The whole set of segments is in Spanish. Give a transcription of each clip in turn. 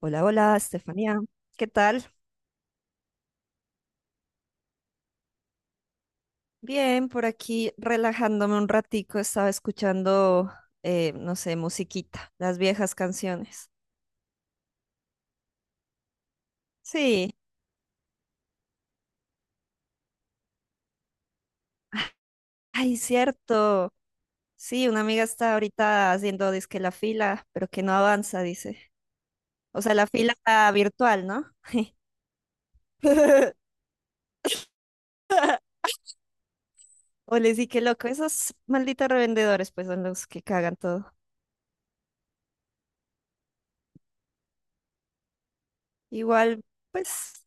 Hola, hola, Estefanía. ¿Qué tal? Bien, por aquí relajándome un ratico, estaba escuchando, no sé, musiquita, las viejas canciones. Sí, ay, cierto. Sí, una amiga está ahorita haciendo dizque la fila, pero que no avanza, dice. O sea, la fila virtual, ¿no? O les di que loco, esos malditos revendedores, pues son los que cagan todo. Igual, pues,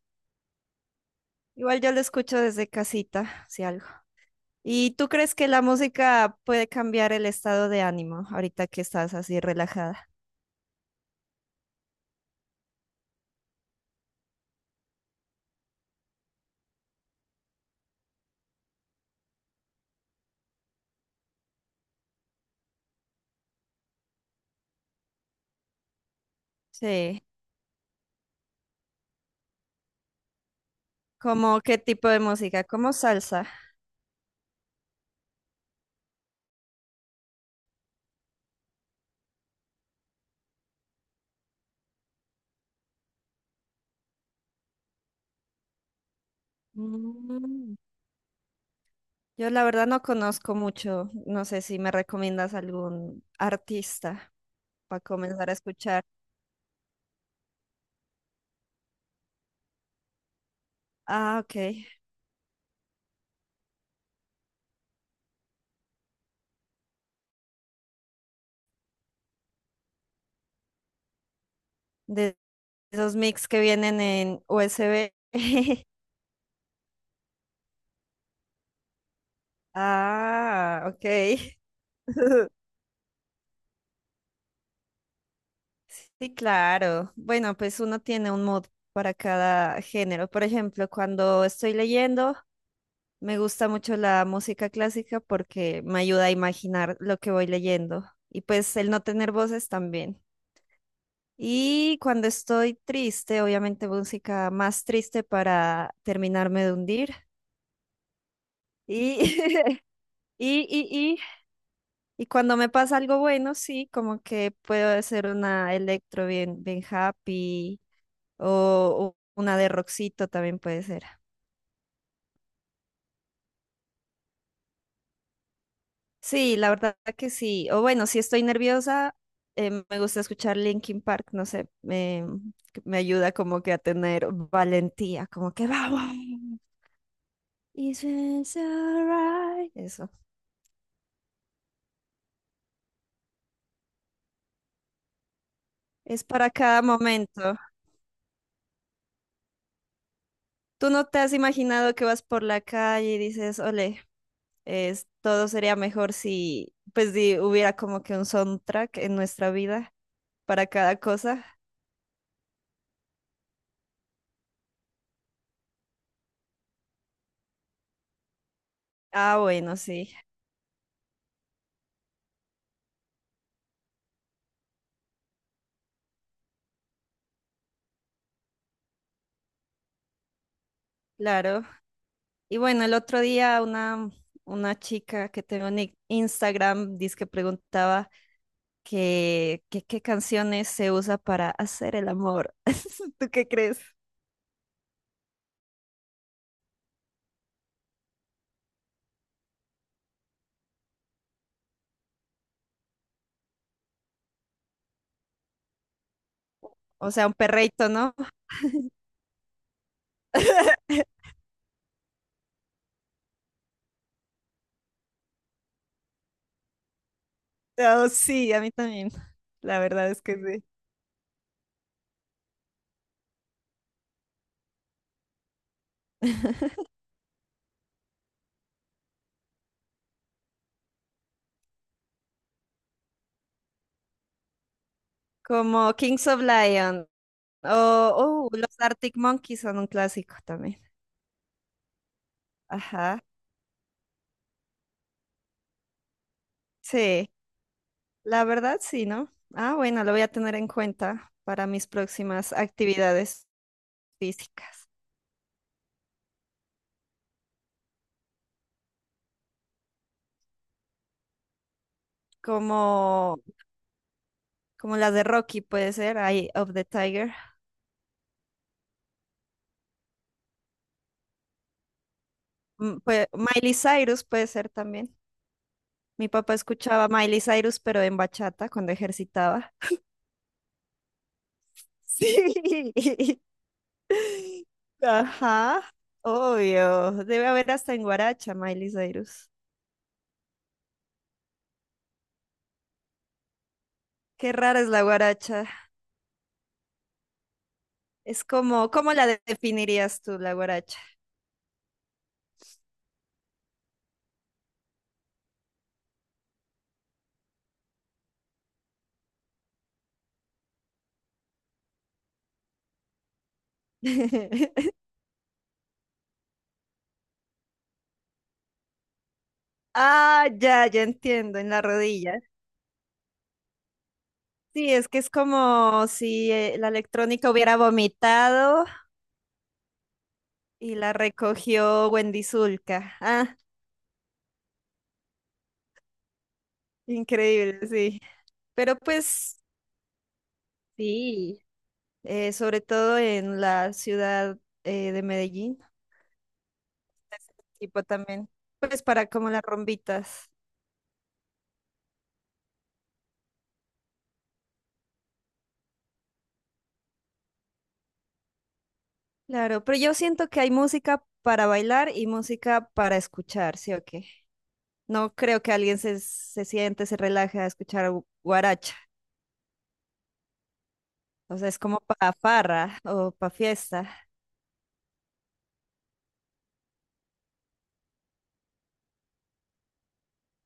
igual yo lo escucho desde casita, si algo. ¿Y tú crees que la música puede cambiar el estado de ánimo ahorita que estás así relajada? Sí. ¿Cómo qué tipo de música? ¿Como salsa? Mm, yo la verdad no conozco mucho. No sé si me recomiendas algún artista para comenzar a escuchar. Ah, ok. De esos mix que vienen en USB. Ah, ok. Sí, claro. Bueno, pues uno tiene un mood para cada género. Por ejemplo, cuando estoy leyendo, me gusta mucho la música clásica porque me ayuda a imaginar lo que voy leyendo. Y pues el no tener voces también. Y cuando estoy triste, obviamente música más triste para terminarme de hundir. Y, y, y, y, y cuando me pasa algo bueno, sí, como que puedo hacer una electro bien, bien happy. O u- una de rockcito también puede ser. Sí, la verdad que sí. O bueno, si estoy nerviosa, me gusta escuchar Linkin Park, no sé, me, que me ayuda como que a tener valentía, como que vamos. It's alright. Eso. Es para cada momento. ¿Tú no te has imaginado que vas por la calle y dices, ole, es, todo sería mejor si, pues, si hubiera como que un soundtrack en nuestra vida para cada cosa? Ah, bueno, sí, claro. Y bueno, el otro día una chica que tengo en i- Instagram dice que preguntaba que qué canciones se usa para hacer el amor. ¿Tú qué crees? O sea, un perreito, ¿no? Oh, sí, a mí también. La verdad es que sí. Como Kings of Lion o oh, los Arctic Monkeys son un clásico también. Ajá. Sí, la verdad sí, ¿no? Ah, bueno, lo voy a tener en cuenta para mis próximas actividades físicas. Como como las de Rocky puede ser, Eye of the Tiger. Mm, pue- Miley Cyrus puede ser también. Mi papá escuchaba Miley Cyrus, pero en bachata cuando ejercitaba. Sí. Ajá, obvio. Debe haber hasta en guaracha, Miley Cyrus. Qué rara es la guaracha. Es como, ¿cómo la de- definirías tú, la guaracha? Ah, ya, ya entiendo, en la rodilla. Sí, es que es como si la electrónica hubiera vomitado. Y la recogió Wendy Zulka. Ah, increíble, sí. Pero pues, sí, sobre todo en la ciudad de Medellín, ese tipo también, pues para como las rumbitas. Claro, pero yo siento que hay música para bailar y música para escuchar, ¿sí o qué? No creo que alguien se, se siente, se relaje a escuchar gu- guaracha. O sea, es como para farra o para fiesta.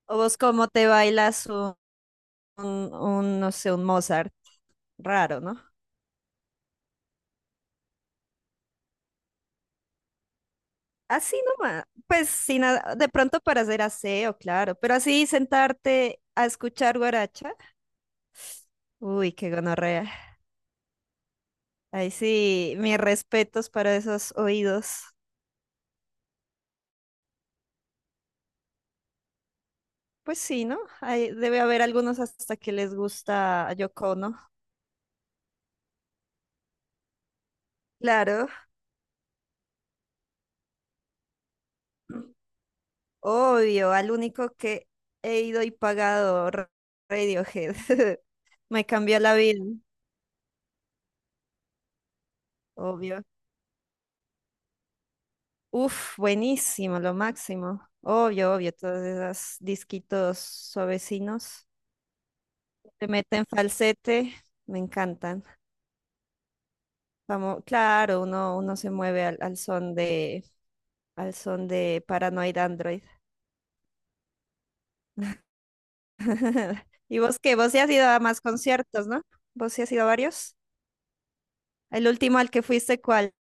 ¿O vos cómo te bailas un, no sé, un Mozart? Raro, ¿no? Así nomás, pues sin a- de pronto para hacer aseo, claro, pero así sentarte a escuchar guaracha, uy, qué gonorrea. Ahí sí, mis respetos para esos oídos. Pues sí, ¿no? Ahí debe haber algunos hasta que les gusta Yoko Ono. Claro, obvio, al único que he ido y pagado Ra- Radiohead. Me cambió la vida, obvio. Uf, buenísimo, lo máximo. Obvio, obvio, todos esos disquitos suavecinos. Te meten falsete, me encantan. Vamos, claro, uno, uno se mueve al, al son de Paranoid Android. ¿Y vos qué? Vos ya has ido a más conciertos, ¿no? ¿Vos sí has ido a varios? El último al que fuiste, ¿cuál?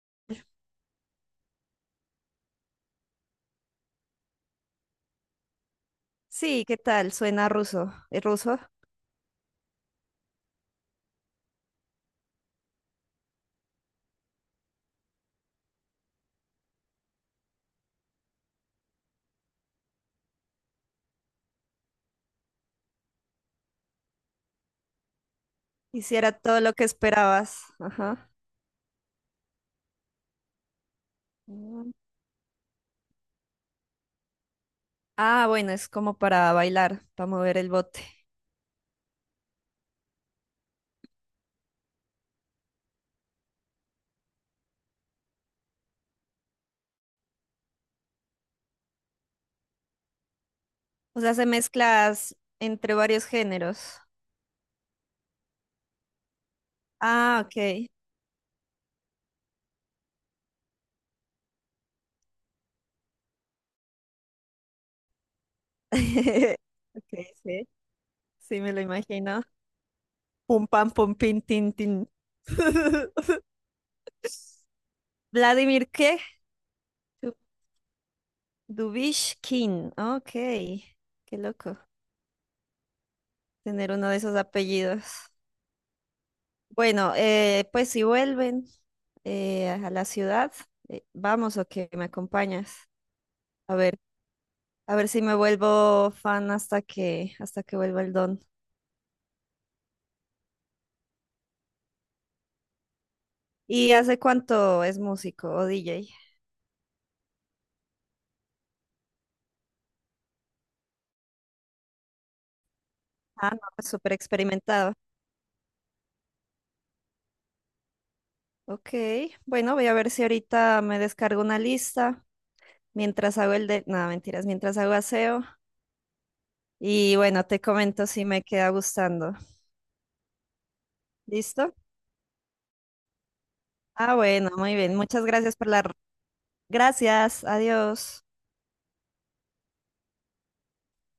Sí, ¿qué tal? Suena ruso. ¿Es ruso? Hiciera todo lo que esperabas. Ajá. Mm. Ah, bueno, es como para bailar, para mover el bote. O sea, se mezclas entre varios géneros. Ah, ok. Ok, sí. Sí, me lo imagino. Pum pam pum pin tin tin. Vladimir ¿qué? Du- Dubishkin. Ok, qué loco tener uno de esos apellidos. Bueno, pues si vuelven a la ciudad, vamos o que me acompañas. A ver, a ver si me vuelvo fan hasta que vuelva el don. ¿Y hace cuánto es músico o DJ? Ah, no, es súper experimentado. Ok, bueno, voy a ver si ahorita me descargo una lista mientras hago el de... No, mentiras, mientras hago aseo. Y bueno, te comento si me queda gustando. ¿Listo? Ah, bueno, muy bien. Muchas gracias por la... Gracias, adiós.